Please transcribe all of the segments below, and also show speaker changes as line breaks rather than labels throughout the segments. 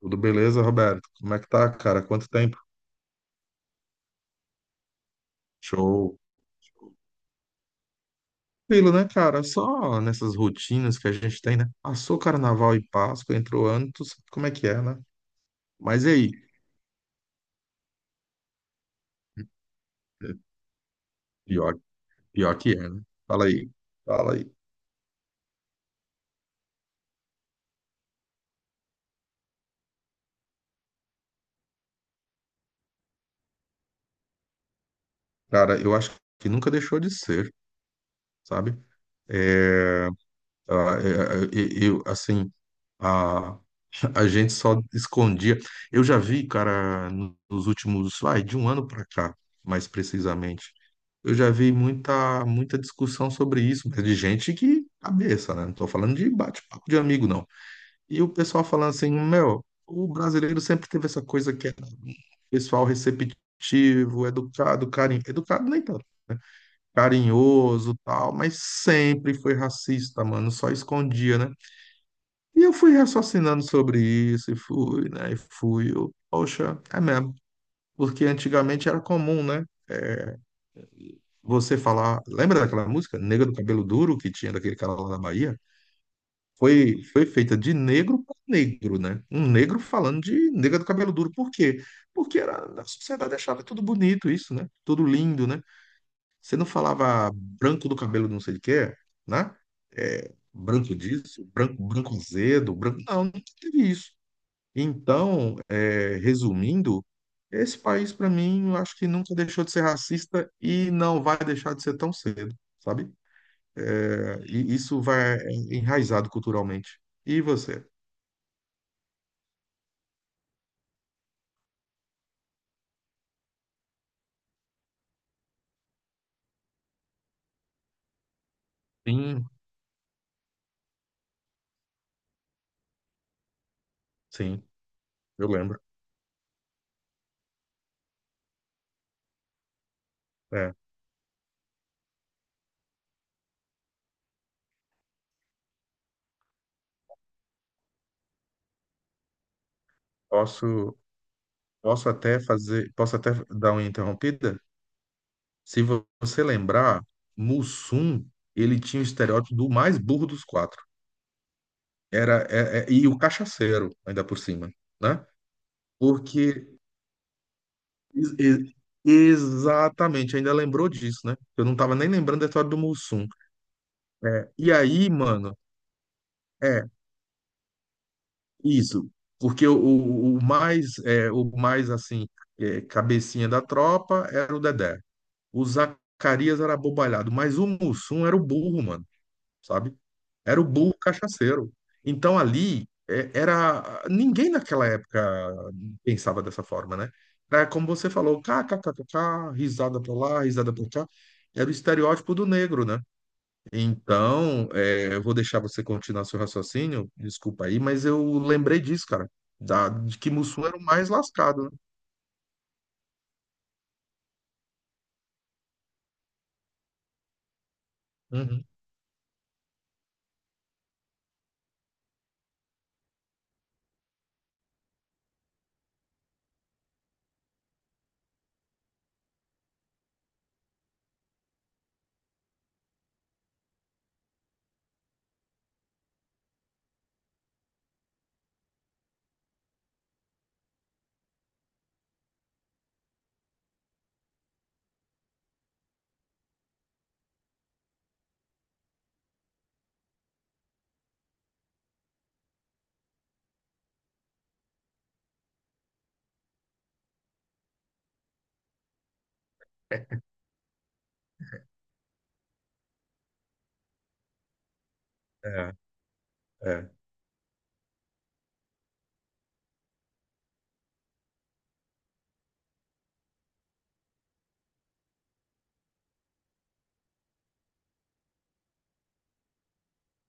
Tudo beleza, Roberto? Como é que tá, cara? Quanto tempo? Show. Tranquilo, né, cara? Só nessas rotinas que a gente tem, né? Passou Carnaval e Páscoa, entrou ano, tu sabe como é que é, né? Mas e aí? Pior, pior que é, né? Fala aí, fala aí. Cara, eu acho que nunca deixou de ser, sabe? É, ah, é, é, eu, assim, a, A gente só escondia. Eu já vi, cara, nos últimos, vai, de um ano para cá, mais precisamente, eu já vi muita, muita discussão sobre isso, mas de gente que cabeça, né? Não tô falando de bate-papo de amigo, não. E o pessoal falando assim, meu, o brasileiro sempre teve essa coisa que era pessoal receptivo, educado, carinho, educado nem tanto, né? Carinhoso, tal, mas sempre foi racista, mano, só escondia, né? E eu fui raciocinando sobre isso, e fui, né? E fui, eu, poxa, é mesmo. Porque antigamente era comum, né? Você falar. Lembra daquela música, Negra do Cabelo Duro, que tinha daquele cara lá da Bahia? Foi, foi feita de negro para negro, né? Um negro falando de negra do cabelo duro. Por quê? Porque era, a sociedade achava tudo bonito isso, né? Tudo lindo, né? Você não falava branco do cabelo não sei de quê, né? É, branco disso, branco, branco azedo, branco. Não, não teve isso. Então, é, resumindo, esse país, para mim, eu acho que nunca deixou de ser racista e não vai deixar de ser tão cedo, sabe? É, e isso vai enraizado culturalmente. E você? Sim, sim, eu lembro. É, posso, posso até fazer, posso até dar uma interrompida? Se você lembrar, Mussum, ele tinha o estereótipo do mais burro dos quatro. Era, e o cachaceiro, ainda por cima, né? Porque Ex- ex- exatamente, ainda lembrou disso, né? Eu não tava nem lembrando da história do Mussum. É, e aí, mano, é isso. Porque o mais, é, o mais assim, é, cabecinha da tropa era o Dedé. O Zacarias era abobalhado, mas o Mussum era o burro, mano. Sabe? Era o burro cachaceiro. Então ali é, era ninguém naquela época pensava dessa forma, né? Era como você falou, kkkk, risada pra lá, risada pra cá. Era o estereótipo do negro, né? Então, é, eu vou deixar você continuar seu raciocínio, desculpa aí, mas eu lembrei disso, cara, da, de que Mussum era o mais lascado, né? Uhum. É, é.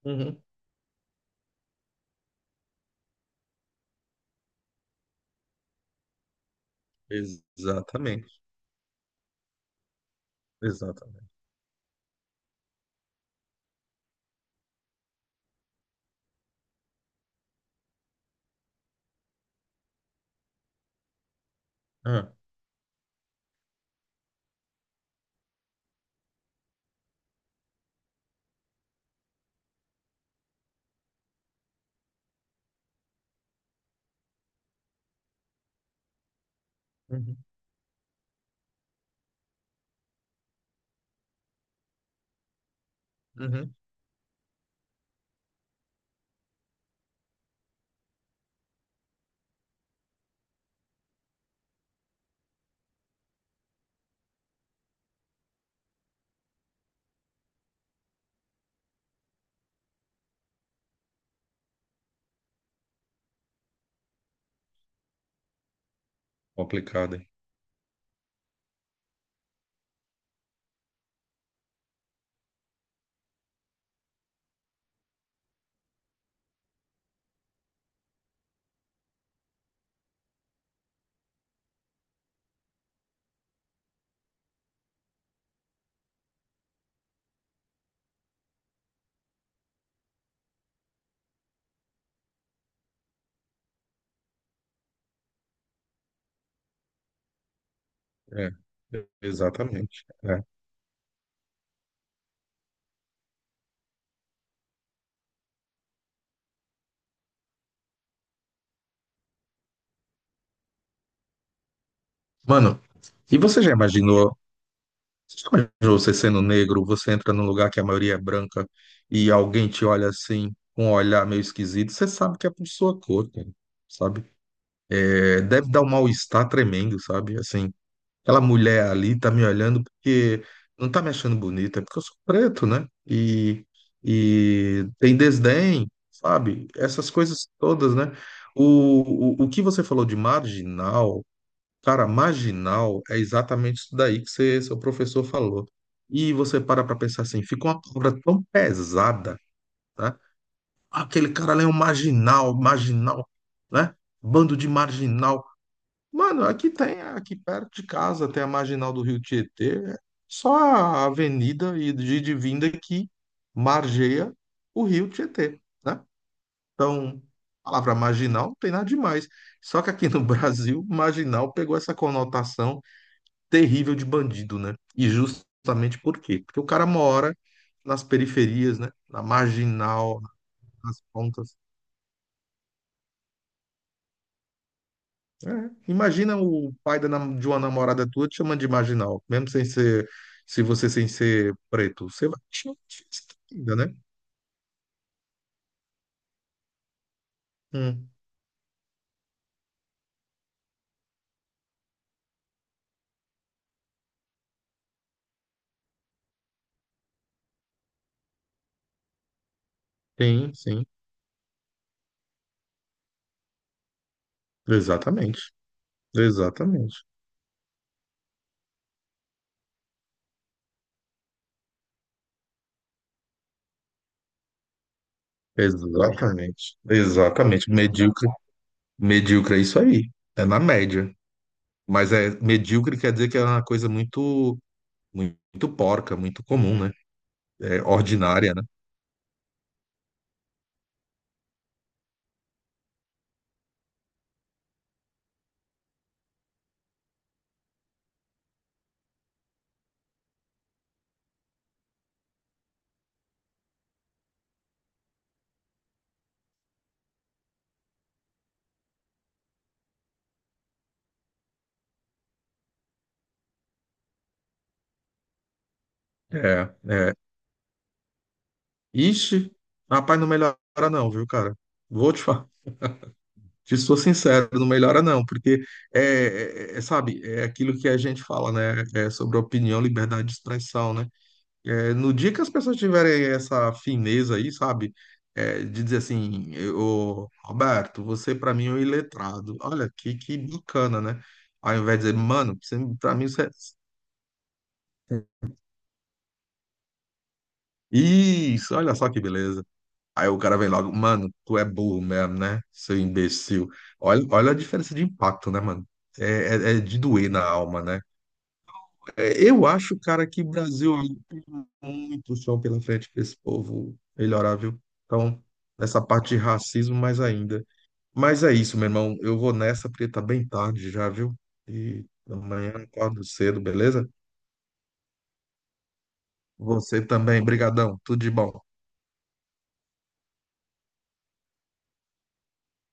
Uhum. Exatamente, exatamente. É. Uhum. Uhum. Complicado, hein? É, exatamente. É. Mano, e você já imaginou? Você já imaginou você sendo negro, você entra num lugar que a maioria é branca e alguém te olha assim, com um olhar meio esquisito, você sabe que é por sua cor, cara, sabe? É, deve dar um mal-estar tremendo, sabe? Assim, aquela mulher ali tá me olhando porque não tá me achando bonita, é porque eu sou preto, né? E tem desdém, sabe? Essas coisas todas, né? O que você falou de marginal. Cara, marginal é exatamente isso daí que você, seu professor falou. E você para pensar assim, fica uma palavra tão pesada, tá? Ah, aquele cara lá é um marginal, marginal, né? Bando de marginal. Mano, aqui tem, aqui perto de casa tem a Marginal do Rio Tietê, é só a avenida e de vinda que margeia o Rio Tietê, né? Então, a palavra marginal não tem nada demais. Só que aqui no Brasil, marginal pegou essa conotação terrível de bandido, né? E justamente por quê? Porque o cara mora nas periferias, né? Na marginal, nas pontas. É. Imagina o pai da de uma namorada tua te chamando de marginal, mesmo sem ser, se você sem ser preto. Você vai te chamar de festa ainda, né? Hum. Sim, sim. Exatamente. Exatamente. Exatamente. Exatamente. Medíocre. Medíocre é isso aí. É na média. Mas é medíocre quer dizer que é uma coisa muito. Muito porca, muito comum, né? É, ordinária, né? É, é. Ixi, rapaz, não melhora não, viu, cara? Vou te falar, te sou sincero, não melhora não, porque é, é, sabe, é aquilo que a gente fala, né? É sobre opinião, liberdade de expressão, né? É, no dia que as pessoas tiverem essa fineza aí, sabe? É, de dizer assim, ô, Roberto, você pra mim é um iletrado. Olha, que bacana, né? Ao invés de dizer, mano, você- pra mim você. Isso, olha só que beleza. Aí o cara vem logo, mano, tu é burro mesmo, né? Seu imbecil. Olha, olha a diferença de impacto, né, mano? É, é de doer na alma, né? É, eu acho, cara, que o Brasil ainda tem muito chão pela frente para esse povo melhorar, viu? Então, nessa parte de racismo, mais ainda. Mas é isso, meu irmão. Eu vou nessa, porque tá bem tarde já, viu? E amanhã eu acordo cedo, beleza? Você também, brigadão. Tudo de bom.